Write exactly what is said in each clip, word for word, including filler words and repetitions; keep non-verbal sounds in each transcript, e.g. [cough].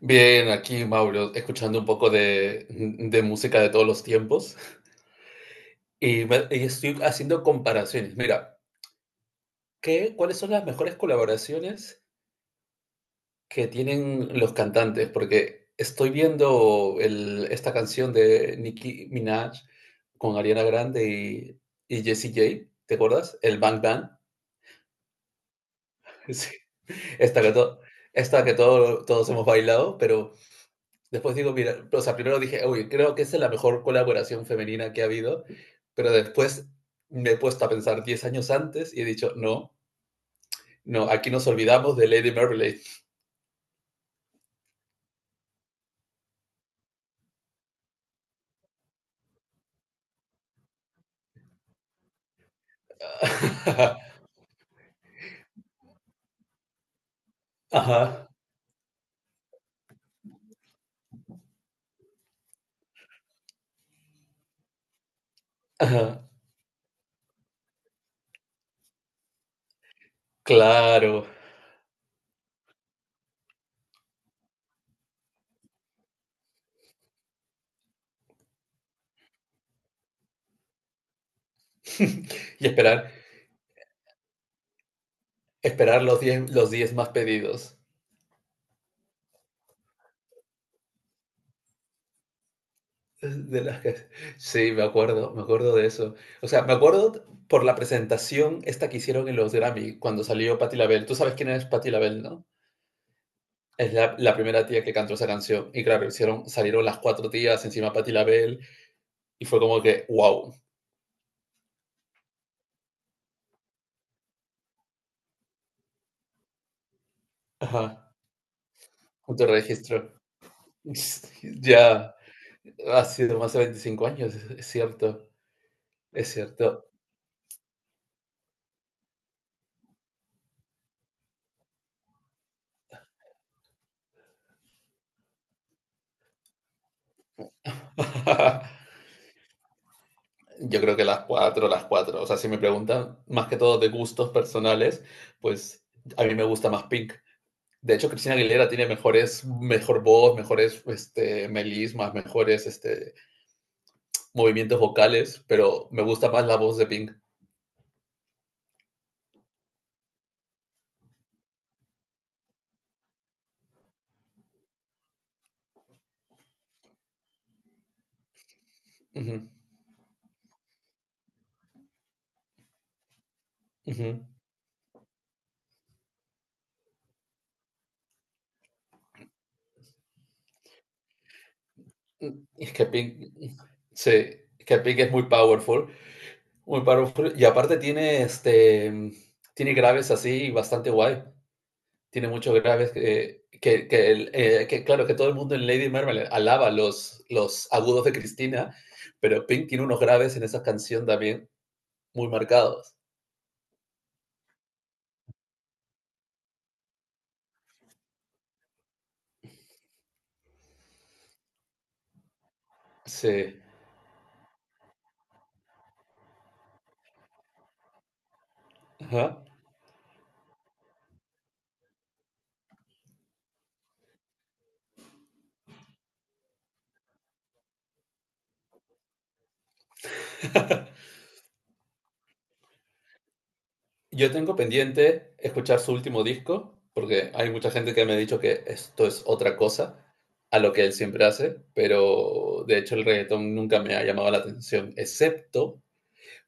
Bien, aquí Mauro, escuchando un poco de, de música de todos los tiempos y, me- y estoy haciendo comparaciones. Mira, ¿qué, ¿cuáles son las mejores colaboraciones que tienen los cantantes? Porque estoy viendo el- esta canción de Nicki Minaj con Ariana Grande y, y Jessie J, ¿te acuerdas? El Bang Bang. [laughs] Sí, esta que, to- esta que todo- todos hemos bailado, pero después digo, mira, o sea, primero dije, uy, creo que esa es la mejor colaboración femenina que ha habido, pero después me he puesto a pensar diez años antes y he dicho, no, no, aquí nos olvidamos de Lady Marmalade. [laughs] Ajá, ajá, claro. [laughs] Y esperar, esperar los diez, los diez más pedidos. De las que... Sí, me acuerdo, me acuerdo de eso. O sea, me acuerdo por la presentación esta que hicieron en los Grammy cuando salió Patti LaBelle. Tú sabes quién es Patti LaBelle, ¿no? Es la, la primera tía que cantó esa canción. Y claro, hicieron, salieron las cuatro tías encima Patti LaBelle y fue como que, wow. Ajá, registro. [laughs] Ya ha sido más de veinticinco años, es cierto, es cierto. [laughs] Yo creo que las cuatro, las cuatro. O sea, si me preguntan más que todo de gustos personales, pues a mí me gusta más Pink. De hecho, Cristina Aguilera tiene mejores, mejor voz, mejores este, melismas, mejores este, movimientos vocales, pero me gusta más la voz de Pink. Ujú, ujú. Mm, Es que Pink, sí, es que Pink es muy powerful, muy powerful, y aparte tiene, este, mm, tiene graves así bastante guay, tiene muchos graves que, que, que el- eh, que claro, que todo el mundo en Lady Marmalade alaba los, los agudos de Cristina, pero Pink tiene unos graves en esa canción también muy marcados. Sí, ajá. Yo tengo pendiente escuchar su último disco, porque hay mucha gente que me ha dicho que esto es otra cosa a lo que él siempre hace, pero de hecho el reggaetón nunca me ha llamado la atención, excepto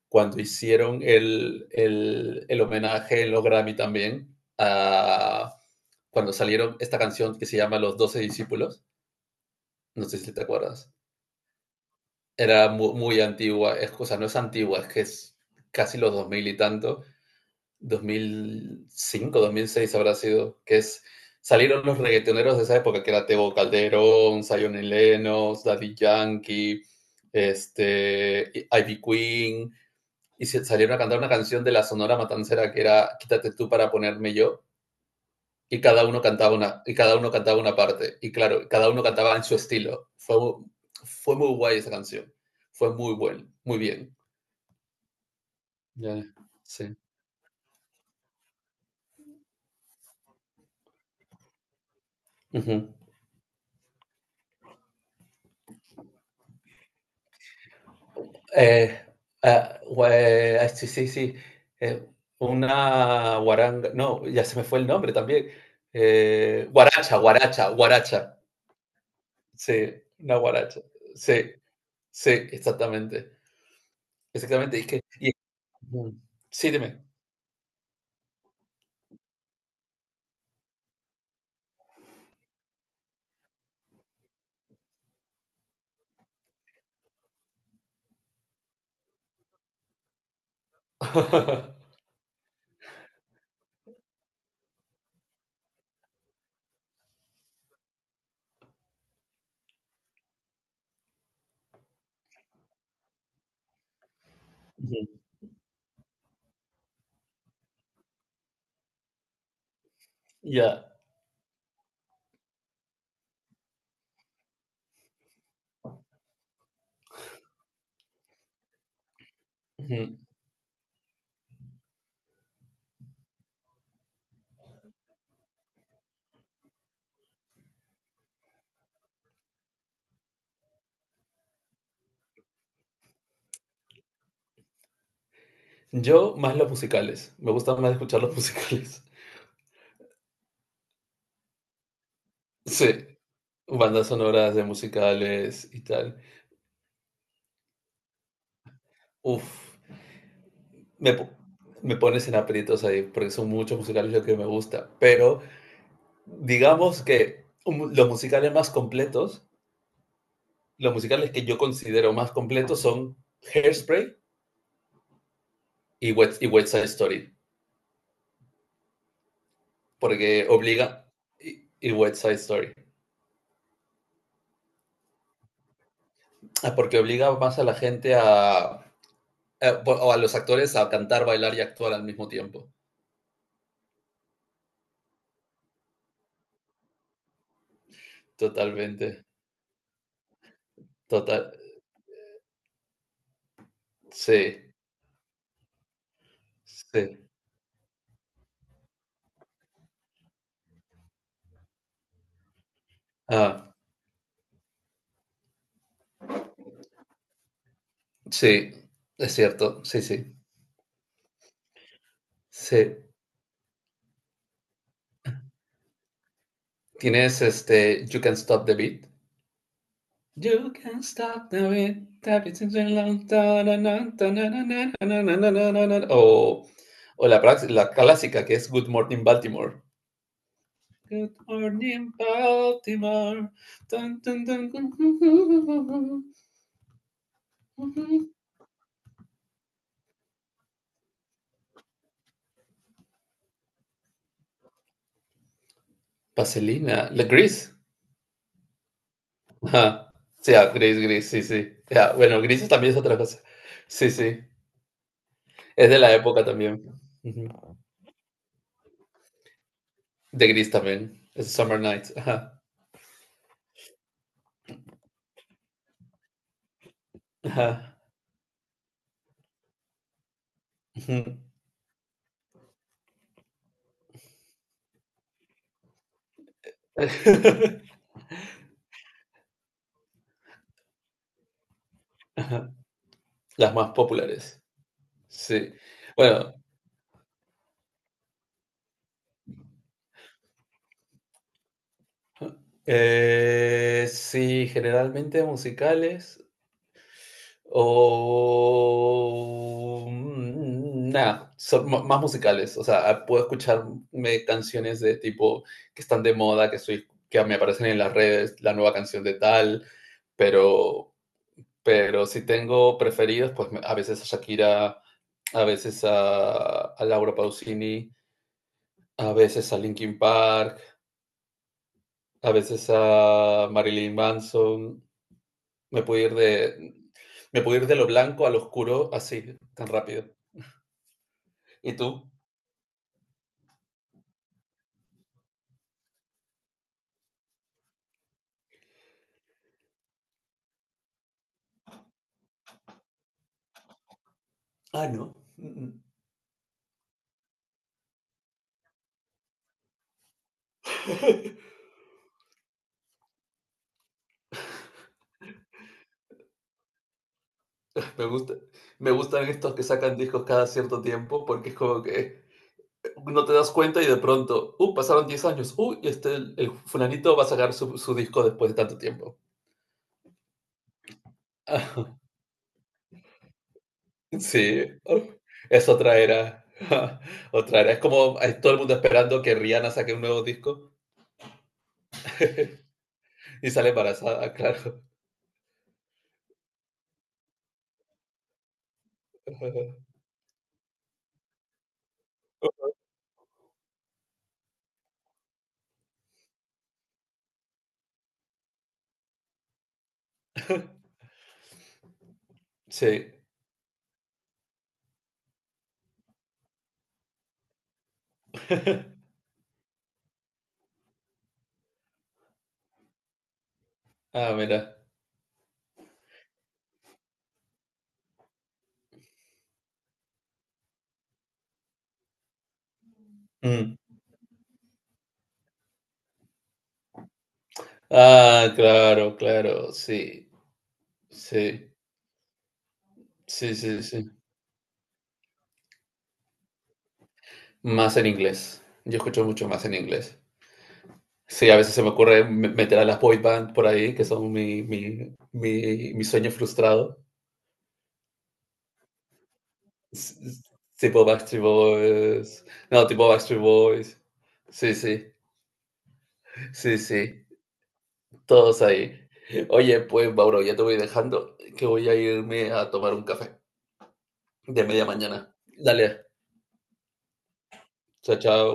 cuando hicieron el, el, el homenaje en los Grammy también, a, cuando salieron esta canción que se llama Los Doce Discípulos, no sé si te acuerdas, era mu- muy antigua, es cosa, no es antigua, es que es casi los dos mil y tanto, dos mil cinco, dos mil seis habrá sido, que es salieron los reggaetoneros de esa época, que era Teo Calderón, Zion y Lennox, Daddy Yankee, este, Ivy Queen, y salieron a cantar una canción de la Sonora Matancera que era Quítate tú para ponerme yo, y cada uno cantaba una, y cada uno cantaba una parte, y claro, cada uno cantaba en su estilo. Fue, fue muy guay esa canción, fue muy buen, muy bien. Ya, sí. Ujú. Eh, ah, gua- ah, sí, sí, sí. eh, una guaranga. No, ya se me fue el nombre también. Eh, guaracha, guaracha, guaracha. Sí, una guaracha. Sí, sí, exactamente. Exactamente. Y que, y- ujú, sí, dime. [laughs] Ujú, ya. Ujú. Yo más los musicales. Me gusta más escuchar los musicales. [laughs] Sí, bandas sonoras de musicales y tal. Uf. me, po- Me pones en aprietos ahí, porque son muchos musicales lo que me gusta, pero digamos que un- los musicales más completos, los musicales que yo considero más completos son Hairspray y West, y West Side Story, porque obliga, y, y West Side Story, ah, porque obliga más a la gente a, a- o a los actores a cantar, bailar y actuar al mismo tiempo. Totalmente, total, sí, sí, ah, sí, es cierto, sí, sí, sí. Tienes este You Can Stop the Beat. You can stop the beat. Tap it since a long time, na, na, na, na, na, na, na, na, O, o la, la clásica que es Good Morning Baltimore. Good morning Baltimore. Tun, tun, tun, tun, tun. Vaselina. La gris. Ajá. Sí, ah, gris, gris, sí, sí. Ya, bueno, gris también es otra cosa. Sí, sí. Es de la época también. De gris también. Es Summer Nights. Ajá. Ajá. Ujú. [laughs] Ajá. Las más populares. Sí. Bueno, eh, sí, generalmente musicales o mm, nada, son ma- más musicales. O sea, ah, puedo escucharme canciones de tipo que están de moda, que soy, que me aparecen en las redes, la nueva canción de tal, pero, pero si tengo preferidos, pues me- a veces a Shakira, a veces a, a Laura Pausini. A veces a Linkin Park, a veces a Marilyn Manson. Me puedo ir de, me puedo ir de lo blanco al oscuro así, tan rápido. ¿Y tú? Ah, no. Mm, mm. [laughs] Me gusta, me gustan estos que sacan discos cada cierto tiempo porque es como que no te das cuenta y de pronto, uh, pasaron diez años, uh, y este, el fulanito va a sacar su, su disco después de tanto tiempo. [laughs] Sí, oh, es otra era. [laughs] Otra era. Es como hay todo el mundo esperando que Rihanna saque un nuevo disco y sale embarazada, claro. [laughs] Sí. Ah, mira. Mm. Ah, claro, claro, sí. Sí, sí, sí, sí. Más en inglés. Yo escucho mucho más en inglés. Sí, a veces se me ocurre me- meter a las boy band por ahí, que son mi, mi, mi, mi sueño frustrado. S- s- Tipo Backstreet Boys. No, tipo Backstreet Boys. Sí, sí, sí, sí. Todos ahí. Oye, pues Mauro, ya te voy dejando, que voy a irme a tomar un café de media mañana. Dale, chao, chao.